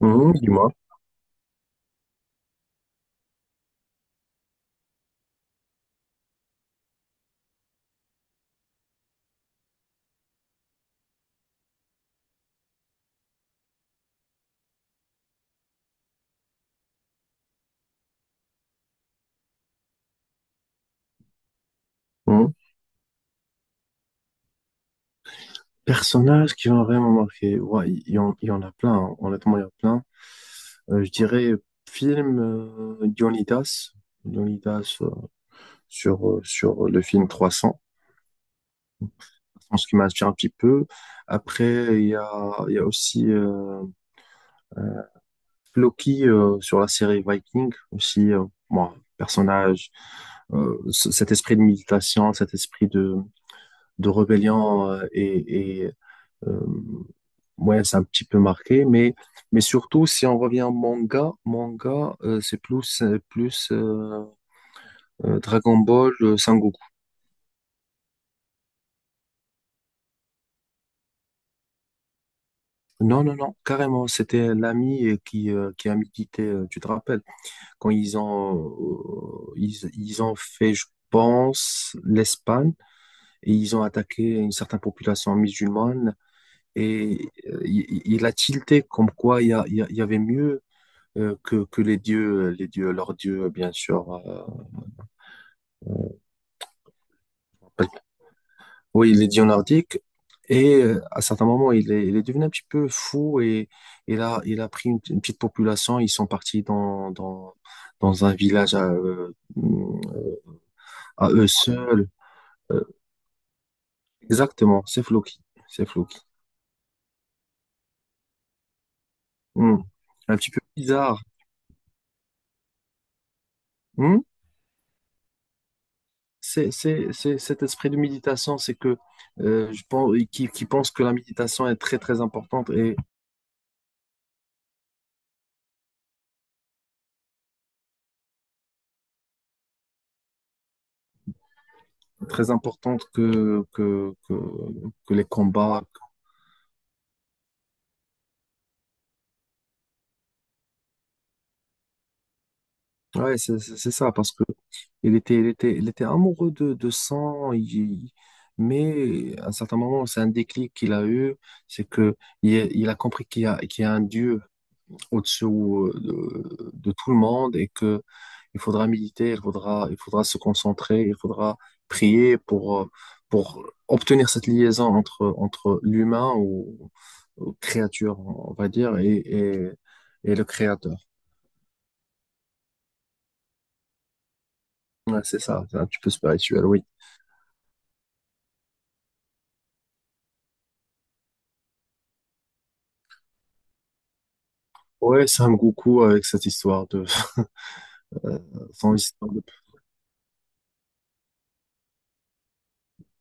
Mhm, dis-moi. Mhm. Personnages qui m'ont vraiment marqué. Ouais, il y en a plein, hein. Honnêtement, il y en a plein. Je dirais film Dionydas. Dionydas sur, sur le film 300. Je pense qu'il m'inspire un petit peu. Après, il y a aussi euh, Loki sur la série Viking. Aussi, moi, personnage, cet esprit de méditation, cet esprit de rébellion euh, ouais, c'est un petit peu marqué, mais surtout, si on revient au manga, c'est plus Dragon Ball, Sangoku. Non, carrément, c'était l'ami qui a milité, tu te rappelles, quand ils ont fait, je pense, l'Espagne, et ils ont attaqué une certaine population musulmane, et il a tilté comme quoi il y avait mieux que les dieux, leurs dieux, bien sûr. Euh, Oui, il est dieu nordique et à certains moments, il est devenu un petit peu fou et il a pris une petite population. Ils sont partis dans un village à eux seuls. Euh, exactement, c'est Floki. C'est Floki. Hmm. Un petit peu bizarre. Hmm. C'est cet esprit de méditation, c'est que je pense, qui pense que la méditation est très très importante et très importante que les combats. Ouais, c'est ça, parce que il était amoureux de sang, mais à un certain moment, c'est un déclic qu'il a eu, c'est que il a compris qu'il y a un Dieu au dessus de tout le monde et que il faudra se concentrer, il faudra prier pour obtenir cette liaison entre l'humain ou créature, on va dire, et le créateur. Ouais, c'est ça, c'est un petit peu spirituel, oui. Ouais, Sam Goku avec cette histoire de euh, son histoire de-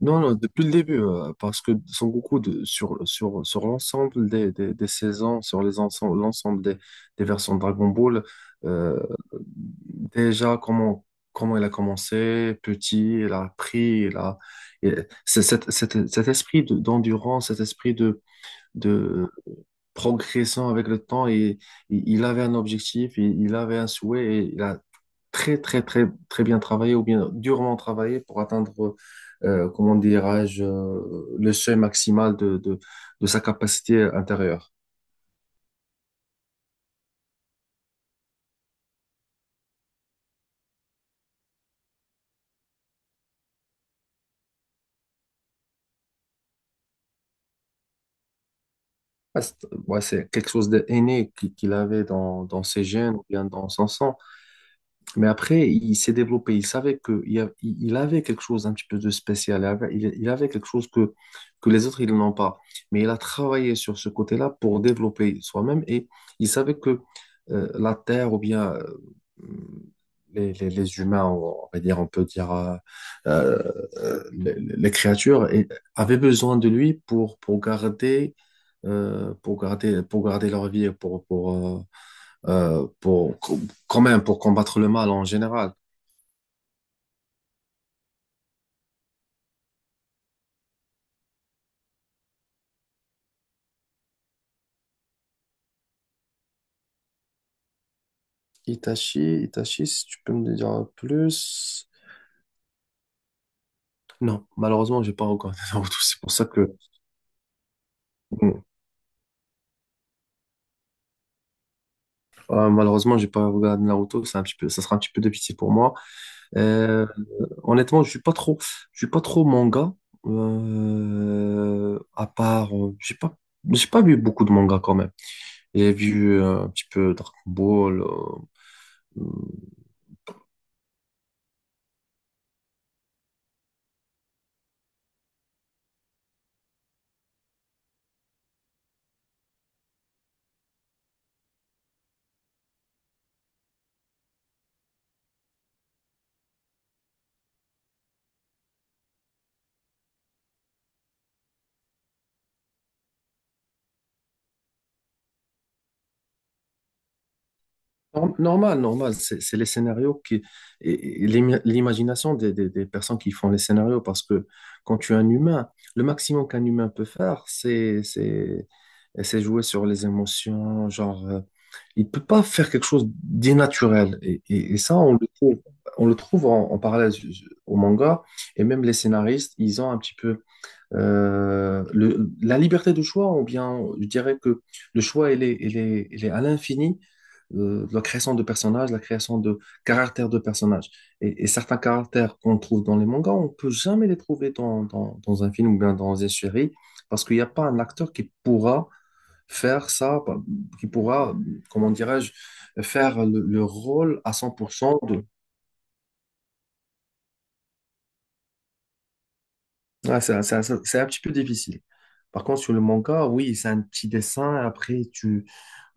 non, non, depuis le début, parce que Son Goku sur l'ensemble des saisons, sur les ensemble l'ensemble des versions de Dragon Ball, euh, déjà comment il a commencé, petit, il a appris, il a et c'est cet esprit d'endurance, cet esprit de progressant avec le temps et il avait un objectif, il avait un souhait et il a très bien travaillé ou bien durement travaillé pour atteindre, comment dirais-je, le seuil maximal de sa capacité intérieure. Ah, c'est quelque chose d'aîné qu'il avait dans dans ses gènes ou bien dans son sang. Mais après, il s'est développé. Il savait que il y a- il avait quelque chose un petit peu de spécial. Il avait quelque chose que les autres, ils n'ont pas. Mais il a travaillé sur ce côté-là pour développer soi-même. Et il savait que la Terre ou bien les humains, on va dire, on peut dire euh, les créatures, avaient besoin de lui pour garder, pour garder leur vie, et pour quand même pour combattre le mal en général. Itachi, Itachi, si tu peux me dire plus. Non, malheureusement, j'ai pas regardé Naruto. C'est pour ça que bon, malheureusement, j'ai pas regardé Naruto. C'est un petit peu, ça sera un petit peu de pitié pour moi. Euh, honnêtement, je suis pas trop manga. À part, j'ai pas vu beaucoup de mangas quand même. J'ai vu un petit peu Dragon Ball. euh, Normal, normal, c'est les scénarios qui, l'imagination des personnes qui font les scénarios, parce que quand tu es un humain, le maximum qu'un humain peut faire, c'est jouer sur les émotions, genre, il peut pas faire quelque chose d'inaturel, et ça, on le trouve en, en parallèle au manga, et même les scénaristes, ils ont un petit peu la liberté de choix, ou bien je dirais que le choix, il est à l'infini, la création de personnages, la création de caractères de personnages. Et certains caractères qu'on trouve dans les mangas, on peut jamais les trouver dans un film ou bien dans une série, parce qu'il n'y a pas un acteur qui pourra faire ça, qui pourra, comment dirais-je, faire le rôle à 100% de... Ouais, c'est un petit peu difficile. Par contre, sur le manga, oui, c'est un petit dessin. Après, tu,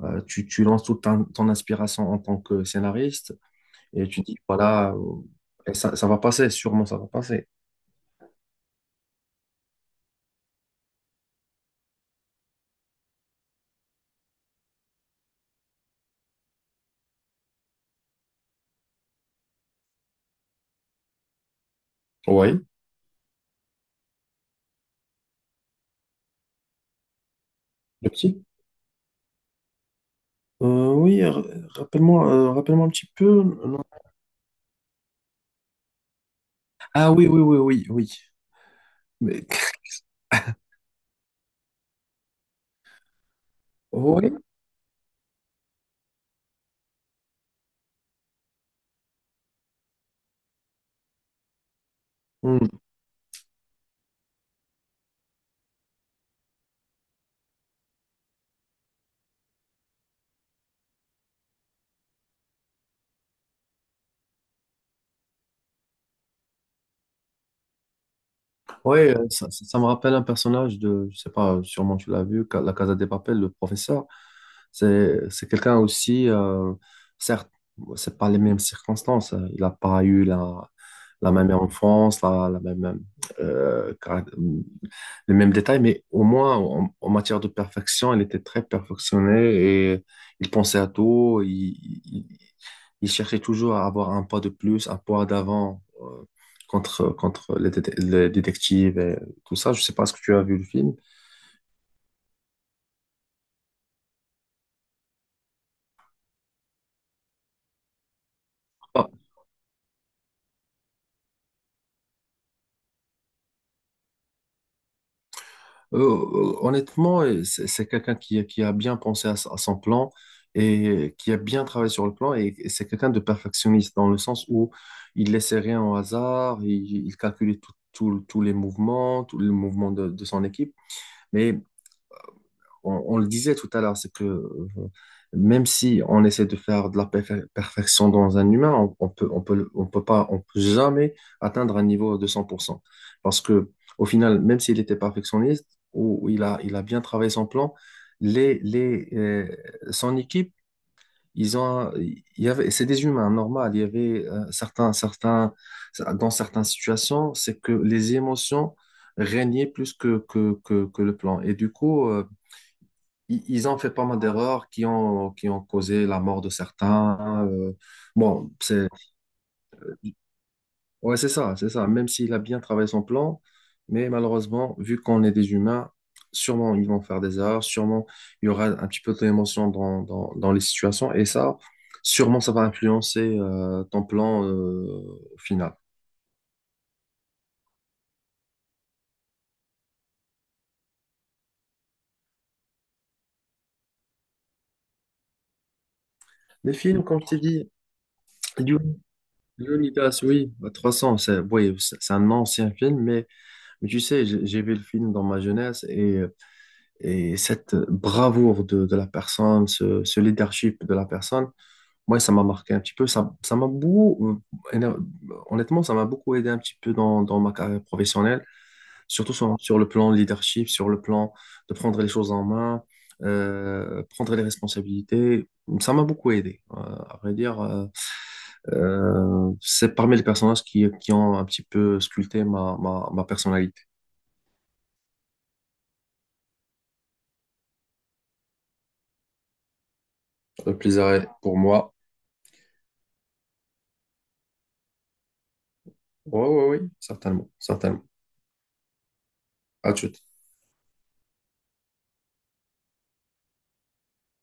Euh, tu, tu lances toute ton, ton inspiration en tant que scénariste et tu dis, voilà, et ça va passer, sûrement ça va passer. Oui, le petit. Oui, rappelle-moi, rappelle-moi un petit peu. Non. Ah oui, oui, oui, oui, oui. Mais... Oui. Oui, ça me rappelle un personnage de, je sais pas, sûrement tu l'as vu, la Casa de Papel, le professeur. C'est quelqu'un aussi, certes, c'est pas les mêmes circonstances, hein. Il n'a pas eu la, la même enfance, la même euh, caract- les mêmes détails, mais au moins en, en matière de perfection, elle était très perfectionnée et il pensait à tout. Il- il cherchait toujours à avoir un pas de plus, un pas d'avant contre les, les détectives et tout ça. Je sais pas ce que tu as vu le film. Par, honnêtement, c'est quelqu'un qui a bien pensé à, à son plan et qui a bien travaillé sur le plan et c'est quelqu'un de perfectionniste dans le sens où il laissait rien au hasard, il calculait tous les mouvements de son équipe. Mais on le disait tout à l'heure, c'est que même si on essaie de faire de la perfection dans un humain, on peut, le- on peut pas, on peut jamais atteindre un niveau de 100%. Parce que, au final, même s'il était perfectionniste ou, ou il a bien travaillé son plan, les, les, euh, son équipe, il y avait, c'est des humains, normal. Il y avait certains, dans certaines situations, c'est que les émotions régnaient plus que le plan. Et du coup, ils ont fait pas mal d'erreurs qui ont causé la mort de certains. Bon, c'est, ouais, c'est ça, c'est ça. Même s'il a bien travaillé son plan, mais malheureusement, vu qu'on est des humains, sûrement ils vont faire des erreurs, sûrement il y aura un petit peu d'émotion dans les situations, et ça, sûrement ça va influencer ton plan au final. Les films, comme je t'ai dit, Dune- Leonidas, oui, bah, 300, c'est oui, c'est un ancien film, mais tu sais, j'ai vu le film dans ma jeunesse et et cette bravoure de la personne, ce leadership de la personne, moi, ça m'a marqué un petit peu. Ça m'a beaucoup, honnêtement, ça m'a beaucoup aidé un petit peu dans, dans ma carrière professionnelle, surtout sur le plan leadership, sur le plan de prendre les choses en main, prendre les responsabilités. Ça m'a beaucoup aidé. C'est parmi les personnages qui ont un petit peu sculpté ma personnalité. Le plaisir est pour moi. Oui, oui, oui, certainement, certainement. À tout